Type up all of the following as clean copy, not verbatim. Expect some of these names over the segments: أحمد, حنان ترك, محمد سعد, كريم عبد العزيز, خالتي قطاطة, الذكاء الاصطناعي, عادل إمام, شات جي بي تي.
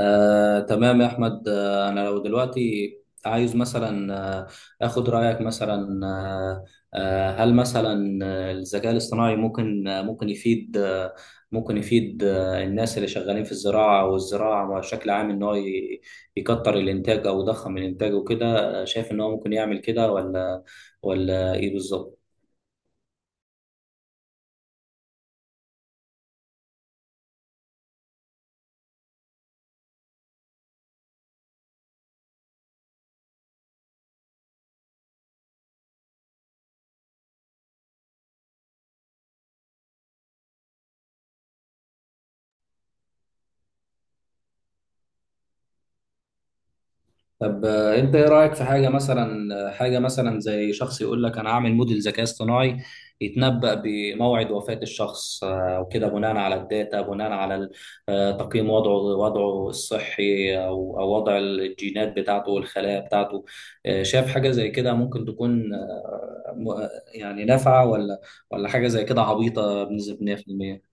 تمام يا أحمد. أنا لو دلوقتي عايز مثلا آه، آخد رأيك مثلا هل مثلا الذكاء الاصطناعي ممكن يفيد الناس اللي شغالين في الزراعة والزراعة بشكل عام، إن هو يكتر الإنتاج أو يضخم الإنتاج وكده. شايف إن هو ممكن يعمل كده، ولا إيه بالظبط؟ طب انت ايه رايك في حاجه مثلا، حاجه مثلا زي شخص يقول لك انا هعمل موديل ذكاء اصطناعي يتنبأ بموعد وفاه الشخص وكده، بناء على الداتا، بناء على تقييم وضعه، الصحي او وضع الجينات بتاعته والخلايا بتاعته. شايف حاجه زي كده ممكن تكون يعني نافعه، ولا حاجه زي كده عبيطه بنسبه 100%؟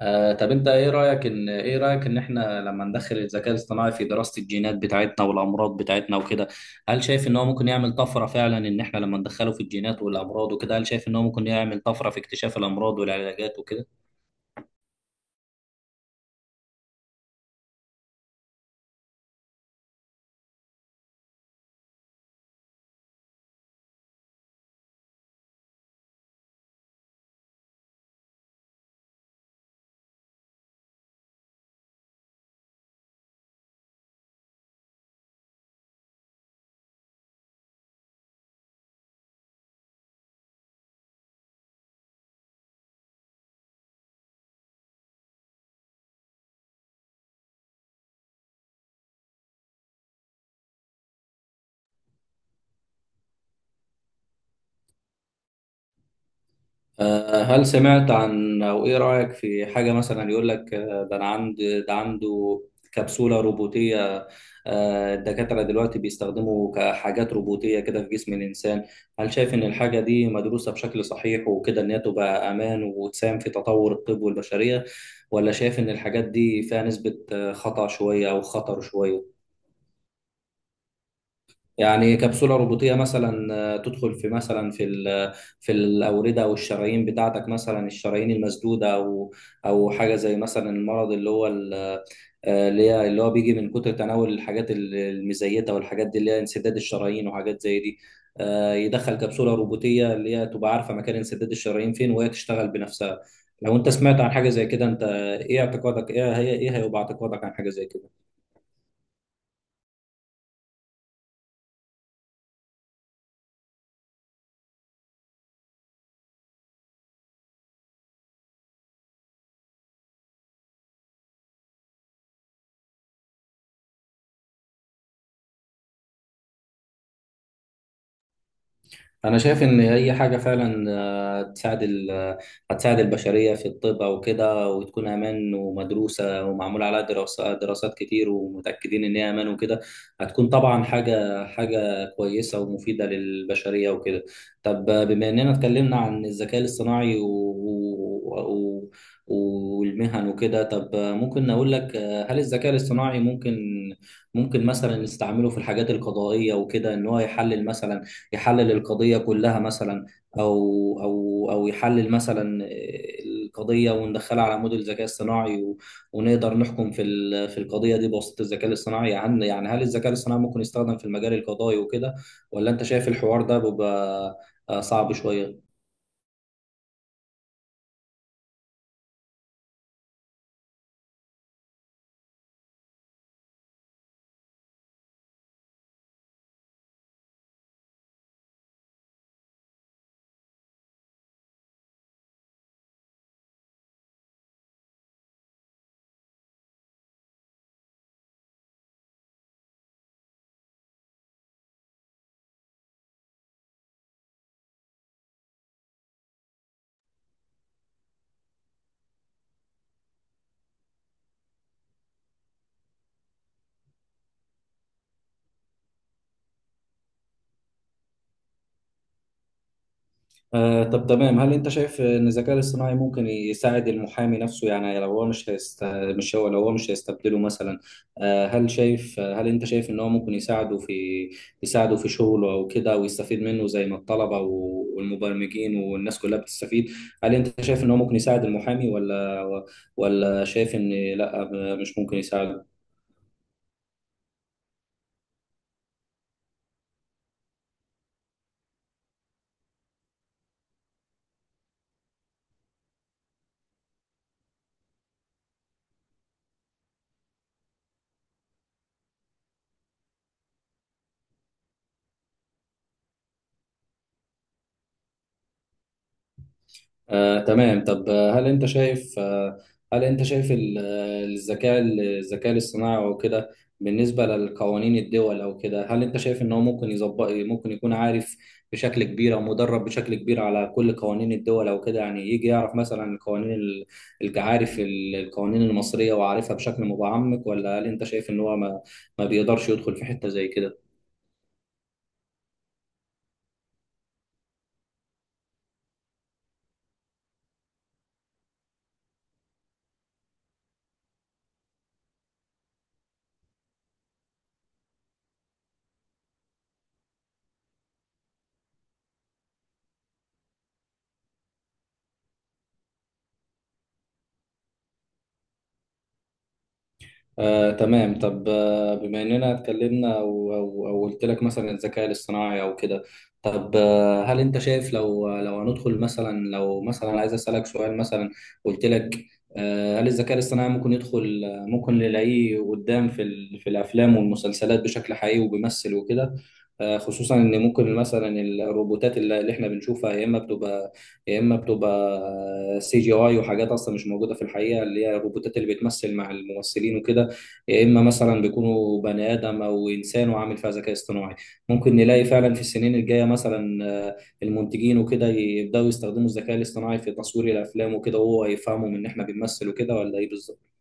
طب انت ايه رايك ان احنا لما ندخل الذكاء الاصطناعي في دراسه الجينات بتاعتنا والامراض بتاعتنا وكده، هل شايف ان هو ممكن يعمل طفره؟ فعلا ان احنا لما ندخله في الجينات والامراض وكده، هل شايف ان هو ممكن يعمل طفره في اكتشاف الامراض والعلاجات وكده؟ هل سمعت عن، او ايه رأيك في حاجة مثلا يقول لك ده انا عند ده عنده كبسولة روبوتية؟ الدكاترة دلوقتي بيستخدموا كحاجات روبوتية كده في جسم الإنسان. هل شايف إن الحاجة دي مدروسة بشكل صحيح وكده، إن هي تبقى أمان وتساهم في تطور الطب والبشرية، ولا شايف إن الحاجات دي فيها نسبة خطأ شوية أو خطر شوية؟ يعني كبسولة روبوتية مثلا تدخل في، مثلا، في الأوردة أو الشرايين بتاعتك، مثلا الشرايين المسدودة، أو حاجة زي مثلا المرض اللي هو اللي هو بيجي من كتر تناول الحاجات المزيتة والحاجات دي، اللي هي انسداد الشرايين وحاجات زي دي. يدخل كبسولة روبوتية اللي هي تبقى عارفة مكان انسداد الشرايين فين، وهي تشتغل بنفسها. لو أنت سمعت عن حاجة زي كده، أنت إيه اعتقادك إيه هي إيه هيبقى اعتقادك عن حاجة زي كده؟ انا شايف ان هي حاجه فعلا آه، تساعد ال- آه، هتساعد البشريه في الطب او كده، وتكون امان ومدروسه ومعمول عليها دراسات كتير، ومتاكدين ان هي امان وكده. هتكون طبعا حاجه كويسه ومفيده للبشريه وكده. طب بما اننا اتكلمنا عن الذكاء الاصطناعي والمهن وكده، طب ممكن اقول لك هل الذكاء الاصطناعي ممكن مثلا نستعمله في الحاجات القضائيه وكده، ان هو يحلل القضية كلها مثلا، أو أو يحلل مثلا القضية وندخلها على موديل ذكاء اصطناعي ونقدر نحكم في في القضية دي بواسطة الذكاء الاصطناعي. يعني هل الذكاء الاصطناعي ممكن يستخدم في المجال القضائي وكده، ولا أنت شايف الحوار ده بيبقى صعب شوية؟ طب تمام. هل انت شايف ان الذكاء الاصطناعي ممكن يساعد المحامي نفسه؟ يعني لو هو مش هيست... مش هو لو هو مش هيستبدله مثلا. هل شايف، هل انت شايف ان هو ممكن يساعده في شغله او كده، ويستفيد منه زي ما الطلبة والمبرمجين والناس كلها بتستفيد. هل انت شايف ان هو ممكن يساعد المحامي، ولا شايف ان لا، مش ممكن يساعده؟ تمام. طب هل انت شايف الذكاء الاصطناعي او كده، بالنسبه لقوانين الدول او كده، هل انت شايف ان هو ممكن يكون عارف بشكل كبير، او مدرب بشكل كبير على كل قوانين الدول او كده؟ يعني يجي يعرف مثلا القوانين ال- الج- عارف ال- القوانين المصريه، وعارفها بشكل متعمق، ولا هل انت شايف ان هو ما بيقدرش يدخل في حته زي كده؟ تمام. طب بما اننا اتكلمنا وقلت لك مثلا الذكاء الاصطناعي او كده، طب هل انت شايف لو هندخل مثلا، لو مثلا عايز اسالك سؤال مثلا، قلت لك هل الذكاء الاصطناعي ممكن يدخل، ممكن نلاقيه قدام في الافلام والمسلسلات بشكل حقيقي وبيمثل وكده؟ خصوصا ان ممكن مثلا الروبوتات اللي احنا بنشوفها، يا اما بتبقى يا اما بتبقى CGI وحاجات اصلا مش موجوده في الحقيقه، اللي هي الروبوتات اللي بتمثل مع الممثلين وكده، يا اما مثلا بيكونوا بني ادم او انسان وعامل فيها ذكاء اصطناعي. ممكن نلاقي فعلا في السنين الجايه مثلا المنتجين وكده يبداوا يستخدموا الذكاء الاصطناعي في تصوير الافلام وكده، وهو يفهمهم ان احنا بنمثل وكده، ولا ايه بالظبط؟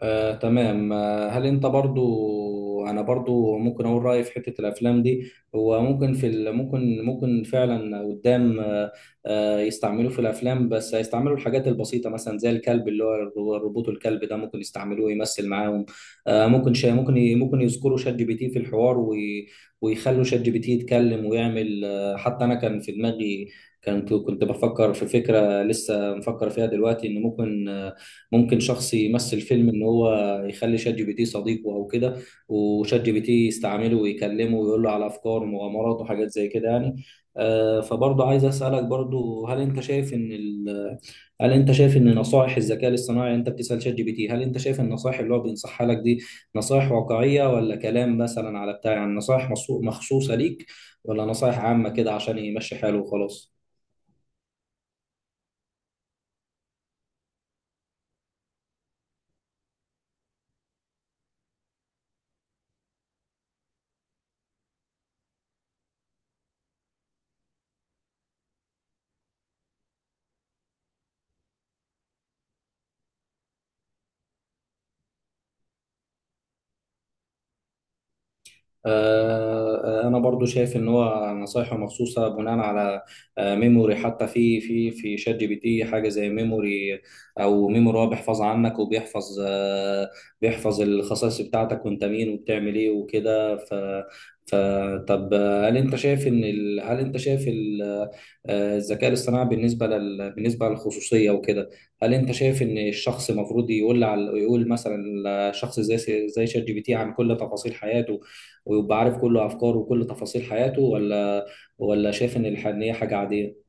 تمام. هل انت برضو، انا برضو ممكن اقول رايي في حته الافلام دي. هو ممكن ممكن فعلا قدام يستعملوه في الافلام، بس هيستعملوا الحاجات البسيطه مثلا زي الكلب، اللي هو الروبوت. الكلب ده ممكن يستعملوه يمثل معاهم. آه، ممكن شا... ممكن ي... ممكن يذكروا ChatGPT في الحوار ويخلوا ChatGPT يتكلم ويعمل. حتى انا كان في دماغي، كنت بفكر في فكره لسه مفكر فيها دلوقتي، ان ممكن شخص يمثل فيلم، ان هو يخلي ChatGPT صديقه او كده، وChatGPT يستعمله ويكلمه ويقول له على افكار ومغامرات وحاجات زي كده يعني. فبرضه عايز اسالك برضه، هل انت شايف ان نصائح الذكاء الاصطناعي، انت بتسال ChatGPT، هل انت شايف النصائح اللي هو بينصحها لك دي نصائح واقعيه، ولا كلام مثلا على بتاع؟ يعني نصائح مخصوصه ليك، ولا نصائح عامه كده عشان يمشي حاله وخلاص؟ انا برضو شايف ان هو نصايحه مخصوصه بناء على ميموري. حتى في ChatGPT حاجه زي ميموري، او ميموري هو بيحفظ عنك، وبيحفظ بيحفظ الخصائص بتاعتك، وانت مين وبتعمل ايه وكده. فطب هل انت شايف ان ال... هل انت شايف ال... آه، الذكاء الاصطناعي بالنسبه للخصوصيه وكده، هل انت شايف ان الشخص المفروض يقول مثلا شخص زي ChatGPT عن كل تفاصيل حياته، ويبقى عارف كل افكاره وكل تفاصيل حياته، ولا شايف ان إن هي حاجه عاديه؟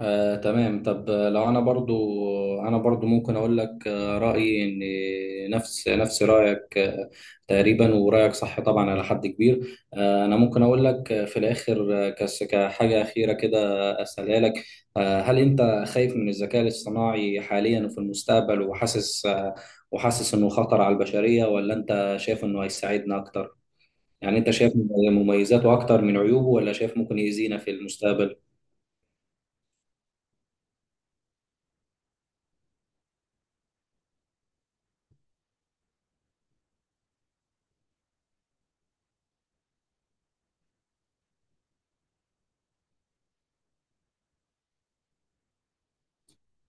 تمام. طب لو انا برضو، ممكن اقول لك رايي ان نفس رايك تقريبا، ورايك صح طبعا على حد كبير. انا ممكن اقول لك في الاخر كحاجه اخيره كده، اسالها لك. هل انت خايف من الذكاء الاصطناعي حاليا وفي المستقبل، وحاسس انه خطر على البشريه، ولا انت شايف انه هيساعدنا اكتر؟ يعني انت شايف مميزاته اكتر من عيوبه، ولا شايف ممكن يأذينا في المستقبل؟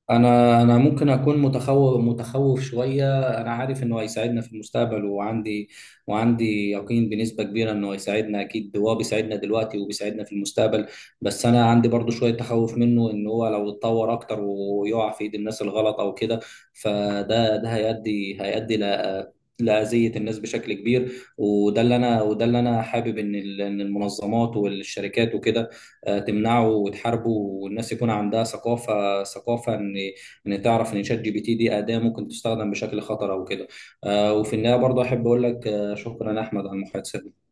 انا ممكن اكون متخوف شوية. انا عارف انه هيساعدنا في المستقبل، وعندي يقين بنسبة كبيرة انه هيساعدنا. اكيد هو بيساعدنا دلوقتي وبيساعدنا في المستقبل، بس انا عندي برضو شوية تخوف منه، ان هو لو اتطور اكتر ويقع في ايد الناس الغلط او كده، فده هيؤدي لأذية الناس بشكل كبير. وده اللي انا حابب ان إن المنظمات والشركات وكده تمنعه وتحاربه، والناس يكون عندها ثقافه، ان تعرف ان ChatGPT دي اداه ممكن تستخدم بشكل خطر او كده. وفي النهايه برضه احب اقول لك شكرا يا احمد على المحادثه.